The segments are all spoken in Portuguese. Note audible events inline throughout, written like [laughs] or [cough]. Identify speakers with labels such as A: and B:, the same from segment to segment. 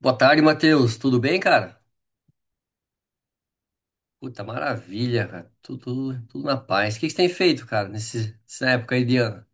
A: Boa tarde, Matheus. Tudo bem, cara? Puta, maravilha, cara. Tudo na paz. O que que você tem feito, cara, nessa época aí de ano?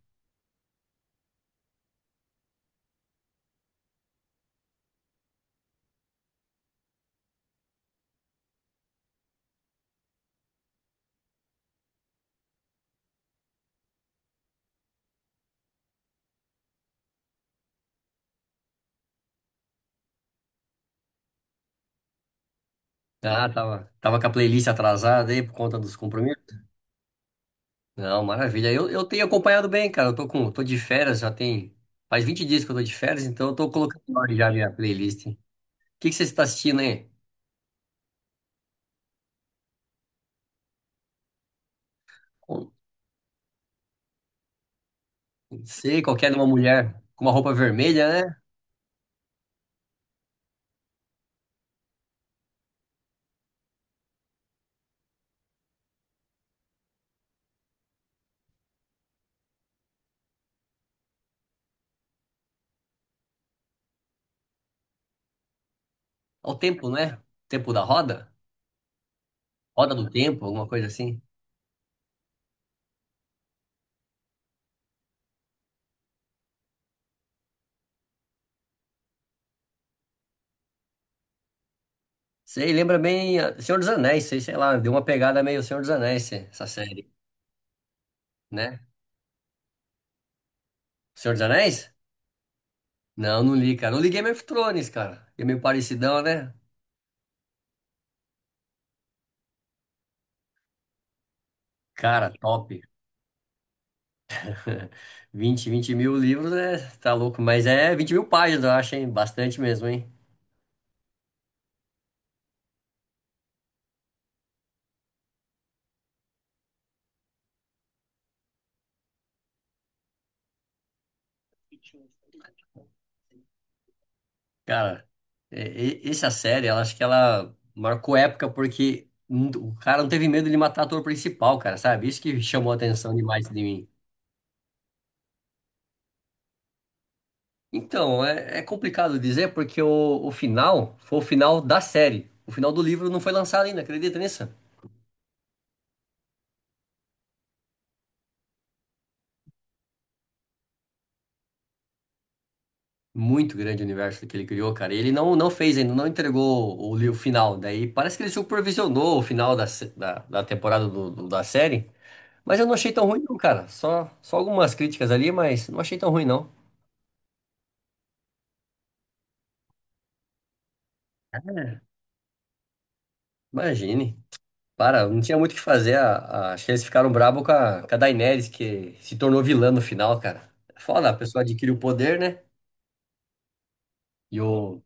A: Ah, tava com a playlist atrasada aí por conta dos compromissos. Não, maravilha. Eu tenho acompanhado bem, cara. Eu tô de férias, faz 20 dias que eu tô de férias, então eu tô colocando em ordem já a minha playlist. O que que você está assistindo aí? Não sei, qualquer de uma mulher com uma roupa vermelha, né? Ao tempo, né? Tempo da roda? Roda do tempo, alguma coisa assim. Sei, lembra bem ah, Senhor dos Anéis, sei, sei lá, deu uma pegada meio Senhor dos Anéis, essa série, né? Senhor dos Anéis? Não, não li, cara. Não li Game of Thrones, cara. É meio parecidão, né? Cara, top. [laughs] Vinte mil livros, né? Tá louco, mas é 20 mil páginas, eu acho, hein? Bastante mesmo, hein? Cara, essa série, ela acho que ela marcou época porque n- o cara não teve medo de matar o ator principal, cara, sabe? Isso que chamou a atenção demais de mim. Então, é complicado dizer porque o final foi o final da série. O final do livro não foi lançado ainda, acredita nisso? Muito grande o universo que ele criou, cara. E ele não fez ainda, não entregou o livro final. Daí parece que ele supervisionou o final da, se- da, da temporada da série. Mas eu não achei tão ruim, não, cara. Só algumas críticas ali, mas não achei tão ruim, não. Imagine. Para, não tinha muito o que fazer. Acho que eles ficaram bravos com a Daenerys, que se tornou vilã no final, cara. Foda, a pessoa adquire o poder, né? E o,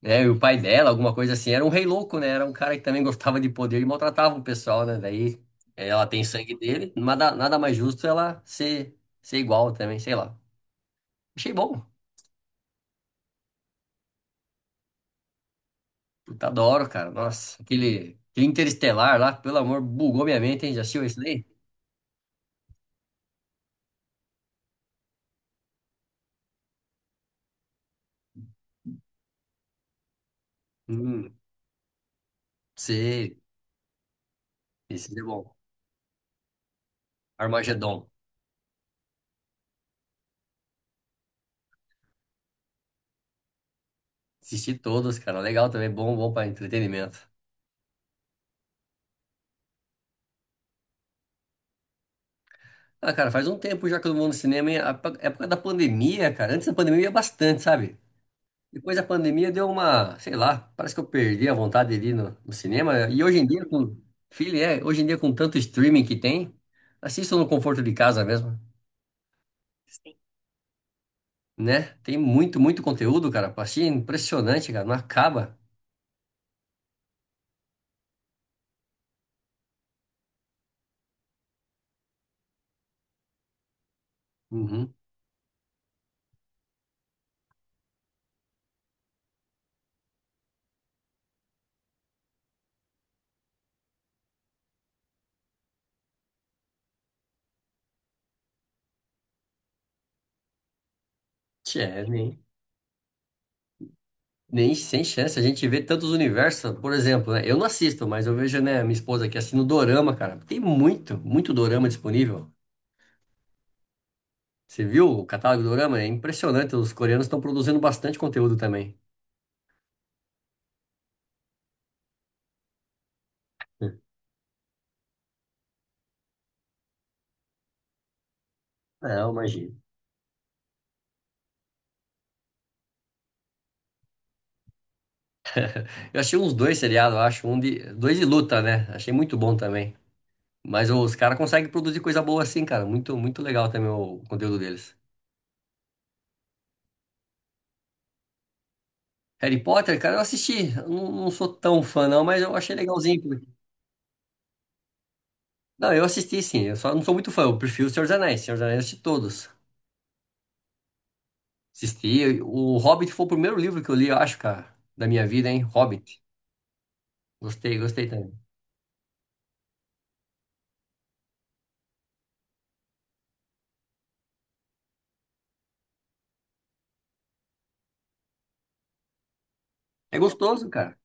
A: né? E o pai dela, alguma coisa assim, era um rei louco, né? Era um cara que também gostava de poder e maltratava o pessoal, né? Daí ela tem sangue dele, nada mais justo ela ser igual também, sei lá. Achei bom. Puta, adoro, cara. Nossa, aquele Interestelar lá, pelo amor, bugou minha mente, hein? Já assistiu esse daí? Hum, sei. Esse é bom. Armagedon. Assisti todos, cara. Legal também, bom, bom para entretenimento. Ah, cara, faz um tempo já que eu não vou no cinema, hein? A época da pandemia, cara. Antes da pandemia eu ia bastante, sabe? Depois da pandemia deu uma, sei lá, parece que eu perdi a vontade de ir no cinema. E hoje em dia, filho, é, hoje em dia com tanto streaming que tem, assisto no conforto de casa mesmo. Sim. Né? Tem muito, muito conteúdo, cara. Pra assistir, é impressionante, cara. Não acaba. Uhum. Tchê, nem sem chance. A gente vê tantos universos, por exemplo, né? Eu não assisto, mas eu vejo, né, minha esposa aqui assistindo Dorama, cara. Tem muito, muito Dorama disponível. Você viu o catálogo do Dorama? É impressionante. Os coreanos estão produzindo bastante conteúdo também. Não, imagina. Eu achei uns dois seriados, eu acho. Um de. Dois de luta, né? Achei muito bom também. Mas os caras conseguem produzir coisa boa assim, cara. Muito, muito legal também o conteúdo deles. Harry Potter, cara, eu assisti. Eu não sou tão fã, não, mas eu achei legalzinho. Não, eu assisti sim. Eu só não sou muito fã. Eu prefiro o Senhor dos Anéis. Senhor dos Anéis eu assisti todos. Assisti. O Hobbit foi o primeiro livro que eu li, eu acho, cara, da minha vida, hein? Hobbit. Gostei, gostei também. É gostoso, cara.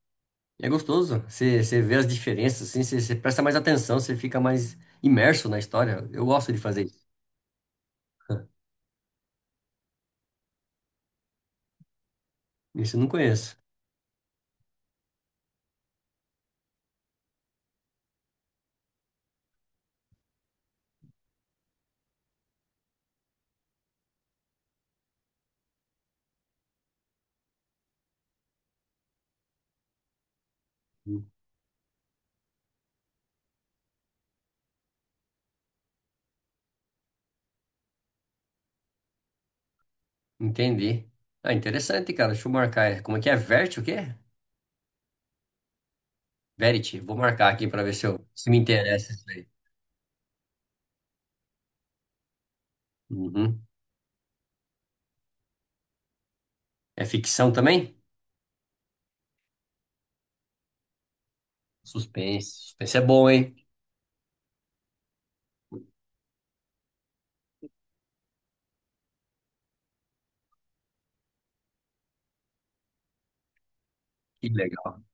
A: E é gostoso. Você vê as diferenças, assim, você presta mais atenção, você fica mais imerso na história. Eu gosto de fazer isso. Isso eu não conheço. Entendi. Ah, interessante, cara. Deixa eu marcar. Como é que é? Vert o quê? Verity. Vou marcar aqui pra ver se eu se me interessa isso aí. Uhum. É ficção também? Suspense. Suspense é bom, hein? Que legal.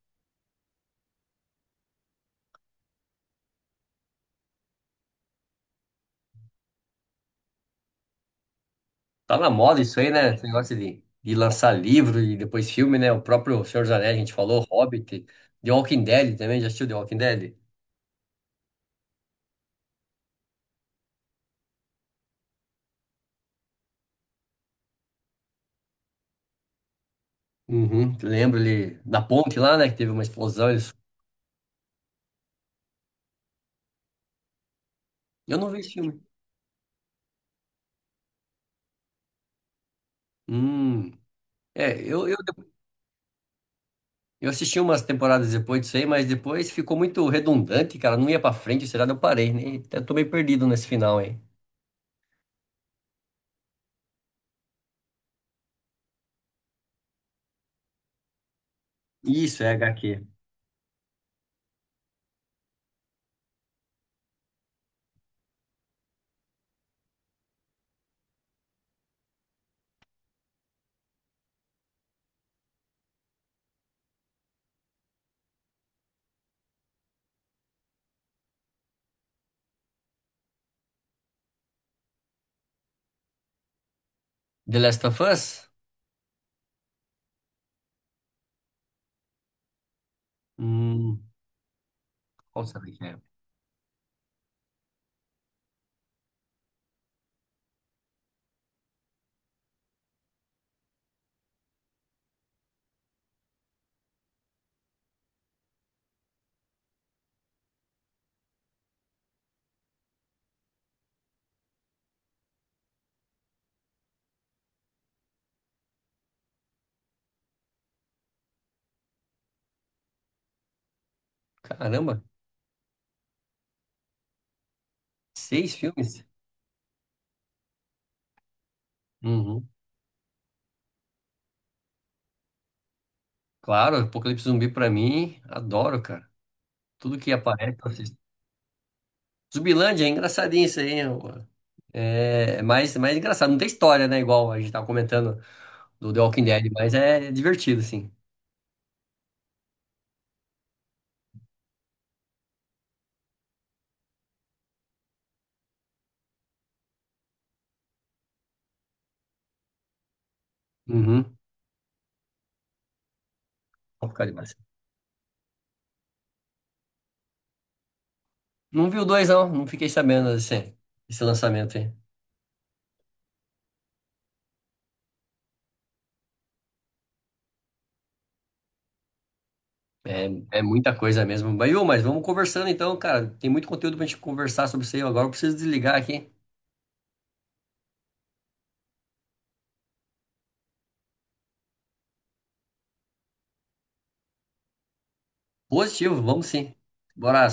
A: Tá na moda isso aí, né? Esse negócio de lançar livro e depois filme, né? O próprio Senhor dos Anéis, a gente falou, Hobbit, The Walking Dead também. Já assistiu The Walking Dead? Uhum, lembro ele da ponte lá, né? Que teve uma explosão. Eles... Eu não vi esse filme. Hum. É, eu assisti umas temporadas depois disso aí, mas depois ficou muito redundante, cara. Não ia pra frente, será? Eu parei, né? Até tô meio perdido nesse final aí. Isso, é HQ. The Last of Us? Hum, Qual será que é? Caramba, seis filmes? Uhum. Claro, Apocalipse Zumbi pra mim, adoro, cara. Tudo que aparece, eu assisto. Zumbilândia é engraçadinho isso aí, hein, pô. É mais, mais engraçado. Não tem história, né? Igual a gente tava comentando do The Walking Dead, mas é divertido, assim. Uhum. Vou ficar demais. Não vi o dois, não. Não fiquei sabendo desse lançamento aí. É, é muita coisa mesmo. Mas, ô, mas vamos conversando então, cara. Tem muito conteúdo pra gente conversar sobre isso aí. Agora eu preciso desligar aqui. Positivo, vamos sim. Bora.